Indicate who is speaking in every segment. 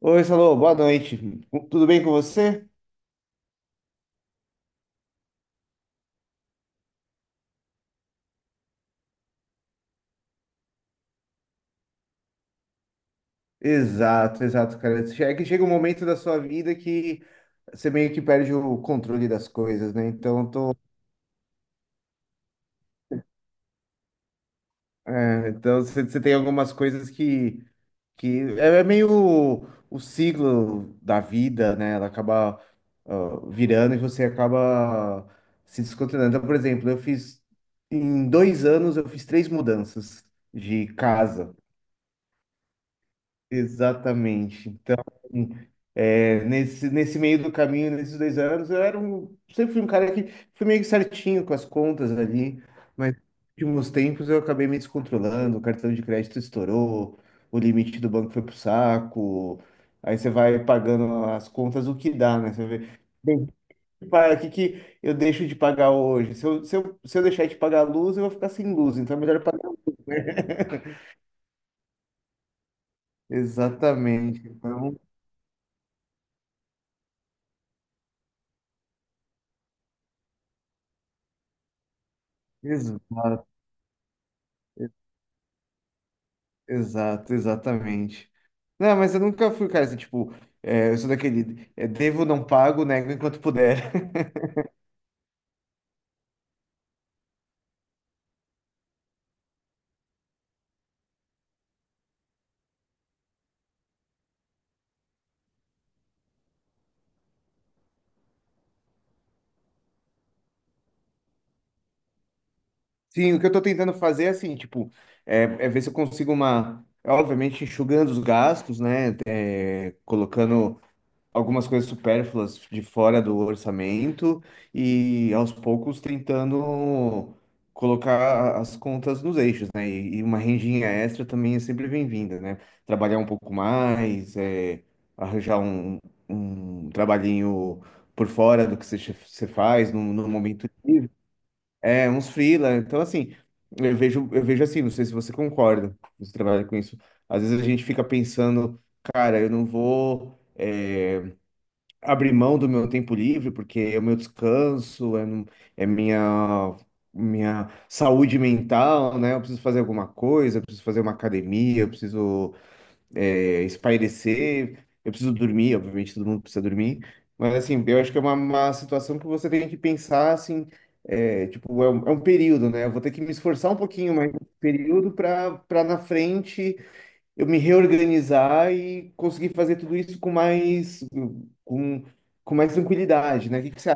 Speaker 1: Oi, Salô, boa noite. Tudo bem com você? Exato, exato, cara. É que chega um momento da sua vida que você meio que perde o controle das coisas, né? Então, eu tô, é, então você tem algumas coisas que é meio o ciclo da vida, né? Ela acaba, ó, virando e você acaba se descontrolando. Então, por exemplo, eu fiz, em 2 anos, eu fiz 3 mudanças de casa. Exatamente. Então, hum, é, nesse meio do caminho, nesses 2 anos, sempre fui um cara que fui meio que certinho com as contas ali, mas nos últimos tempos eu acabei me descontrolando, o cartão de crédito estourou, o limite do banco foi pro saco, aí você vai pagando as contas o que dá, né? Você vê, bem, pá, o que que eu deixo de pagar hoje? Se eu deixar de pagar a luz, eu vou ficar sem luz, então é melhor eu pagar. Exatamente. Então, exato. Exato, exatamente. Não, mas eu nunca fui, cara, assim, tipo, é, eu sou daquele, é, devo, não pago, nego enquanto puder. Sim, o que eu tô tentando fazer é assim, tipo, é ver se eu consigo uma, obviamente enxugando os gastos, né, colocando algumas coisas supérfluas de fora do orçamento e aos poucos tentando colocar as contas nos eixos, né? E uma rendinha extra também é sempre bem-vinda, né? Trabalhar um pouco mais, é, arranjar um, um trabalhinho por fora do que você faz no momento livre. É, uns freela. Então, assim, eu vejo assim, não sei se você concorda, você trabalha com isso. Às vezes a gente fica pensando, cara, eu não vou. É, abrir mão do meu tempo livre, porque é o meu descanso, é minha, minha saúde mental, né? Eu preciso fazer alguma coisa, eu preciso fazer uma academia, eu preciso é, espairecer, eu preciso dormir, obviamente todo mundo precisa dormir, mas assim, eu acho que é uma situação que você tem que pensar assim, é, tipo, é um período, né? Eu vou ter que me esforçar um pouquinho mais nesse período para na frente eu me reorganizar e conseguir fazer tudo isso com, com mais tranquilidade, né? O que que você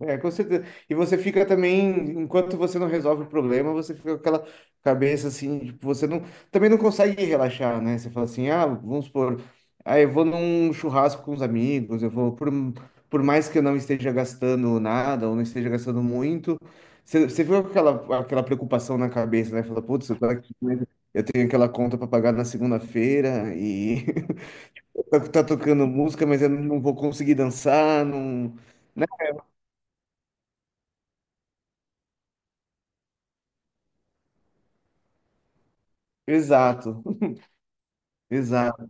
Speaker 1: É, com certeza. E você fica também, enquanto você não resolve o problema, você fica com aquela cabeça assim, tipo, você não, também não consegue relaxar, né? Você fala assim, ah, vamos supor, ah, eu vou num churrasco com os amigos, eu vou, por mais que eu não esteja gastando nada, ou não esteja gastando muito, você fica com aquela, aquela preocupação na cabeça, né? Fala, putz, eu tô aqui, né? Eu tenho aquela conta para pagar na segunda-feira e tá, tá tocando música, mas eu não vou conseguir dançar, não... né? Exato. Exato.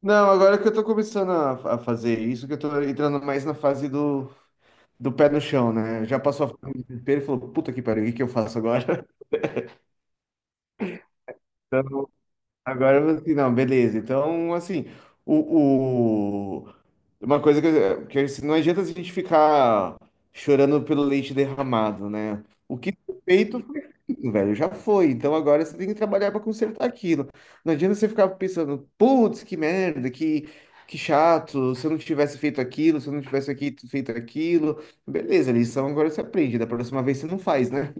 Speaker 1: Não, agora que eu tô começando a fazer isso, que eu tô entrando mais na fase do, do pé no chão, né? Já passou a fase do desespero e falou, puta que pariu, o que que eu faço agora? Então, agora eu falei assim, não, beleza. Então, assim, o, o- uma coisa que, não adianta a gente ficar chorando pelo leite derramado, né? O que foi feito, o velho já foi, então agora você tem que trabalhar para consertar aquilo. Não adianta você ficar pensando, putz, que merda, que chato, se eu não tivesse feito aquilo, se eu não tivesse aqui feito aquilo. Beleza, lição agora você aprende, da próxima vez você não faz, né?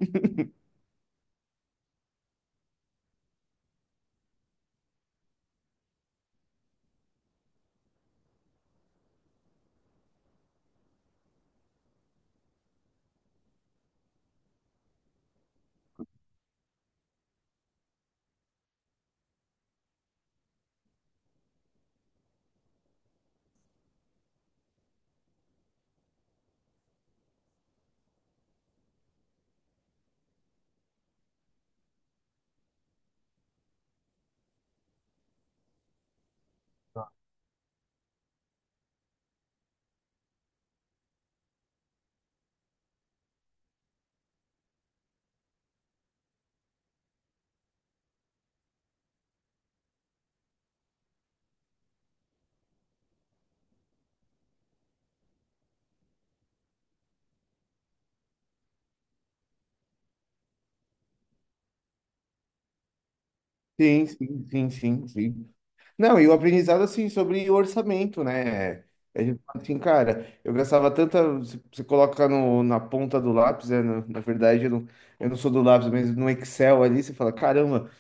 Speaker 1: Sim, sim, sim, sim, sim. Não, e o aprendizado, assim, sobre orçamento, né? A gente fala assim, cara, eu gastava tanta. Você coloca no, na ponta do lápis, né? Na verdade, eu não sou do lápis, mas no Excel ali, você fala, caramba.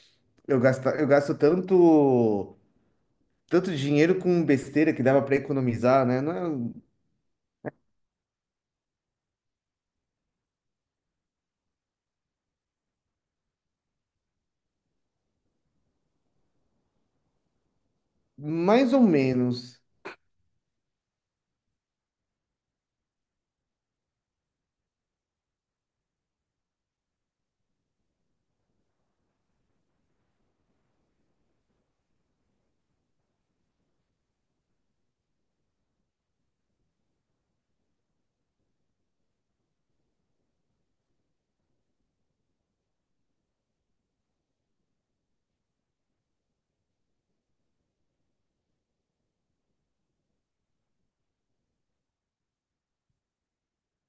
Speaker 1: Eu gasto tanto, tanto dinheiro com besteira que dava para economizar, né? Não é- mais ou menos.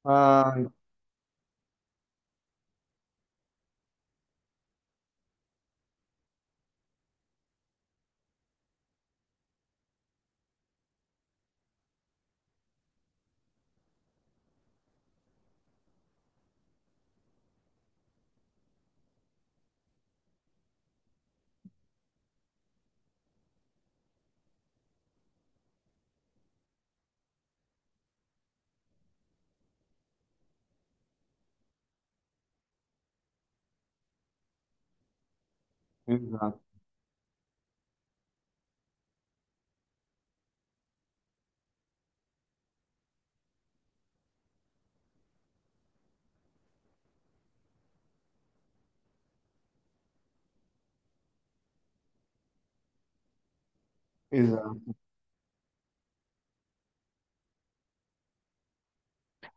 Speaker 1: Ah, exato, exato.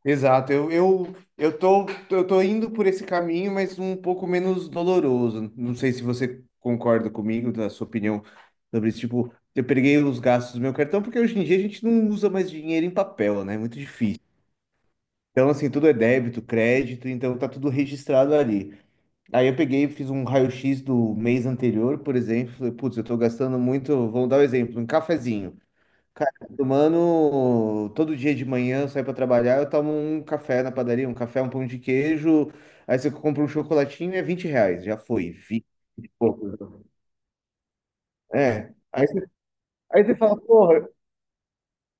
Speaker 1: Exato. Eu tô indo por esse caminho, mas um pouco menos doloroso. Não sei se você concorda comigo, da sua opinião sobre isso. Tipo, eu peguei os gastos do meu cartão, porque hoje em dia a gente não usa mais dinheiro em papel, né? É muito difícil. Então, assim, tudo é débito, crédito, então tá tudo registrado ali. Aí eu peguei, fiz um raio-x do mês anterior, por exemplo. Falei, putz, eu tô gastando muito. Vamos dar um exemplo: um cafezinho. Cara, eu tô tomando todo dia de manhã, eu saio pra trabalhar, eu tomo um café na padaria, um café, um pão de queijo. Aí você compra um chocolatinho, é 20 reais. Já foi, 20 e pouco. É. Aí você fala, porra,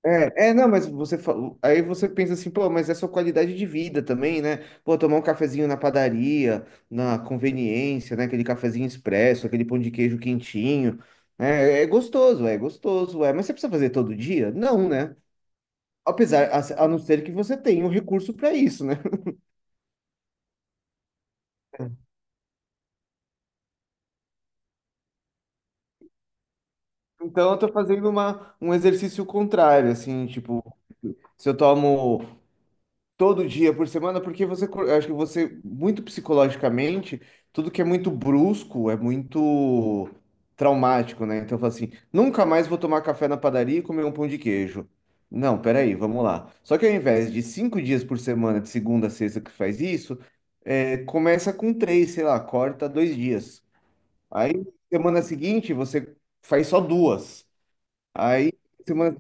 Speaker 1: Não, mas aí você pensa assim, pô, mas é sua qualidade de vida também, né? Pô, tomar um cafezinho na padaria, na conveniência, né? Aquele cafezinho expresso, aquele pão de queijo quentinho, né? É gostoso, é gostoso, é. Mas você precisa fazer todo dia? Não, né? Apesar, a não ser que você tenha um recurso para isso, né? Então eu tô fazendo um exercício contrário, assim, tipo, se eu tomo todo dia por semana, porque acho que você, muito psicologicamente, tudo que é muito brusco é muito traumático, né? Então, eu falo assim, nunca mais vou tomar café na padaria e comer um pão de queijo. Não, peraí, vamos lá. Só que ao invés de 5 dias por semana, de segunda a sexta, que faz isso, é, começa com três, sei lá, corta 2 dias. Aí, semana seguinte, você faz só duas. Aí, semana...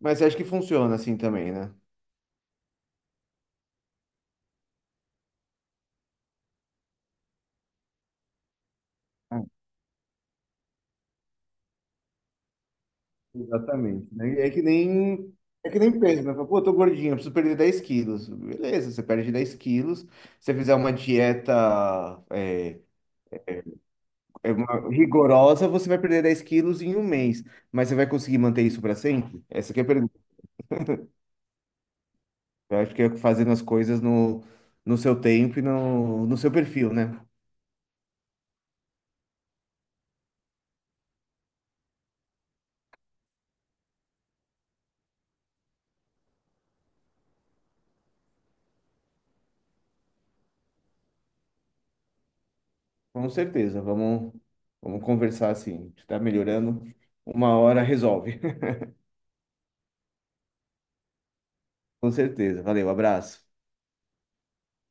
Speaker 1: Mas acho que funciona assim também, né? Exatamente, né? É que nem peso, né? Fala, pô, eu tô gordinho, eu preciso perder 10 quilos. Beleza, você perde 10 quilos. Se você fizer uma dieta é, rigorosa, você vai perder 10 quilos em um mês. Mas você vai conseguir manter isso para sempre? Essa que é a pergunta. Eu acho que é fazendo as coisas no seu tempo e no seu perfil, né? Com certeza, vamos, vamos conversar assim. Tá melhorando, uma hora resolve. Com certeza. Valeu, abraço.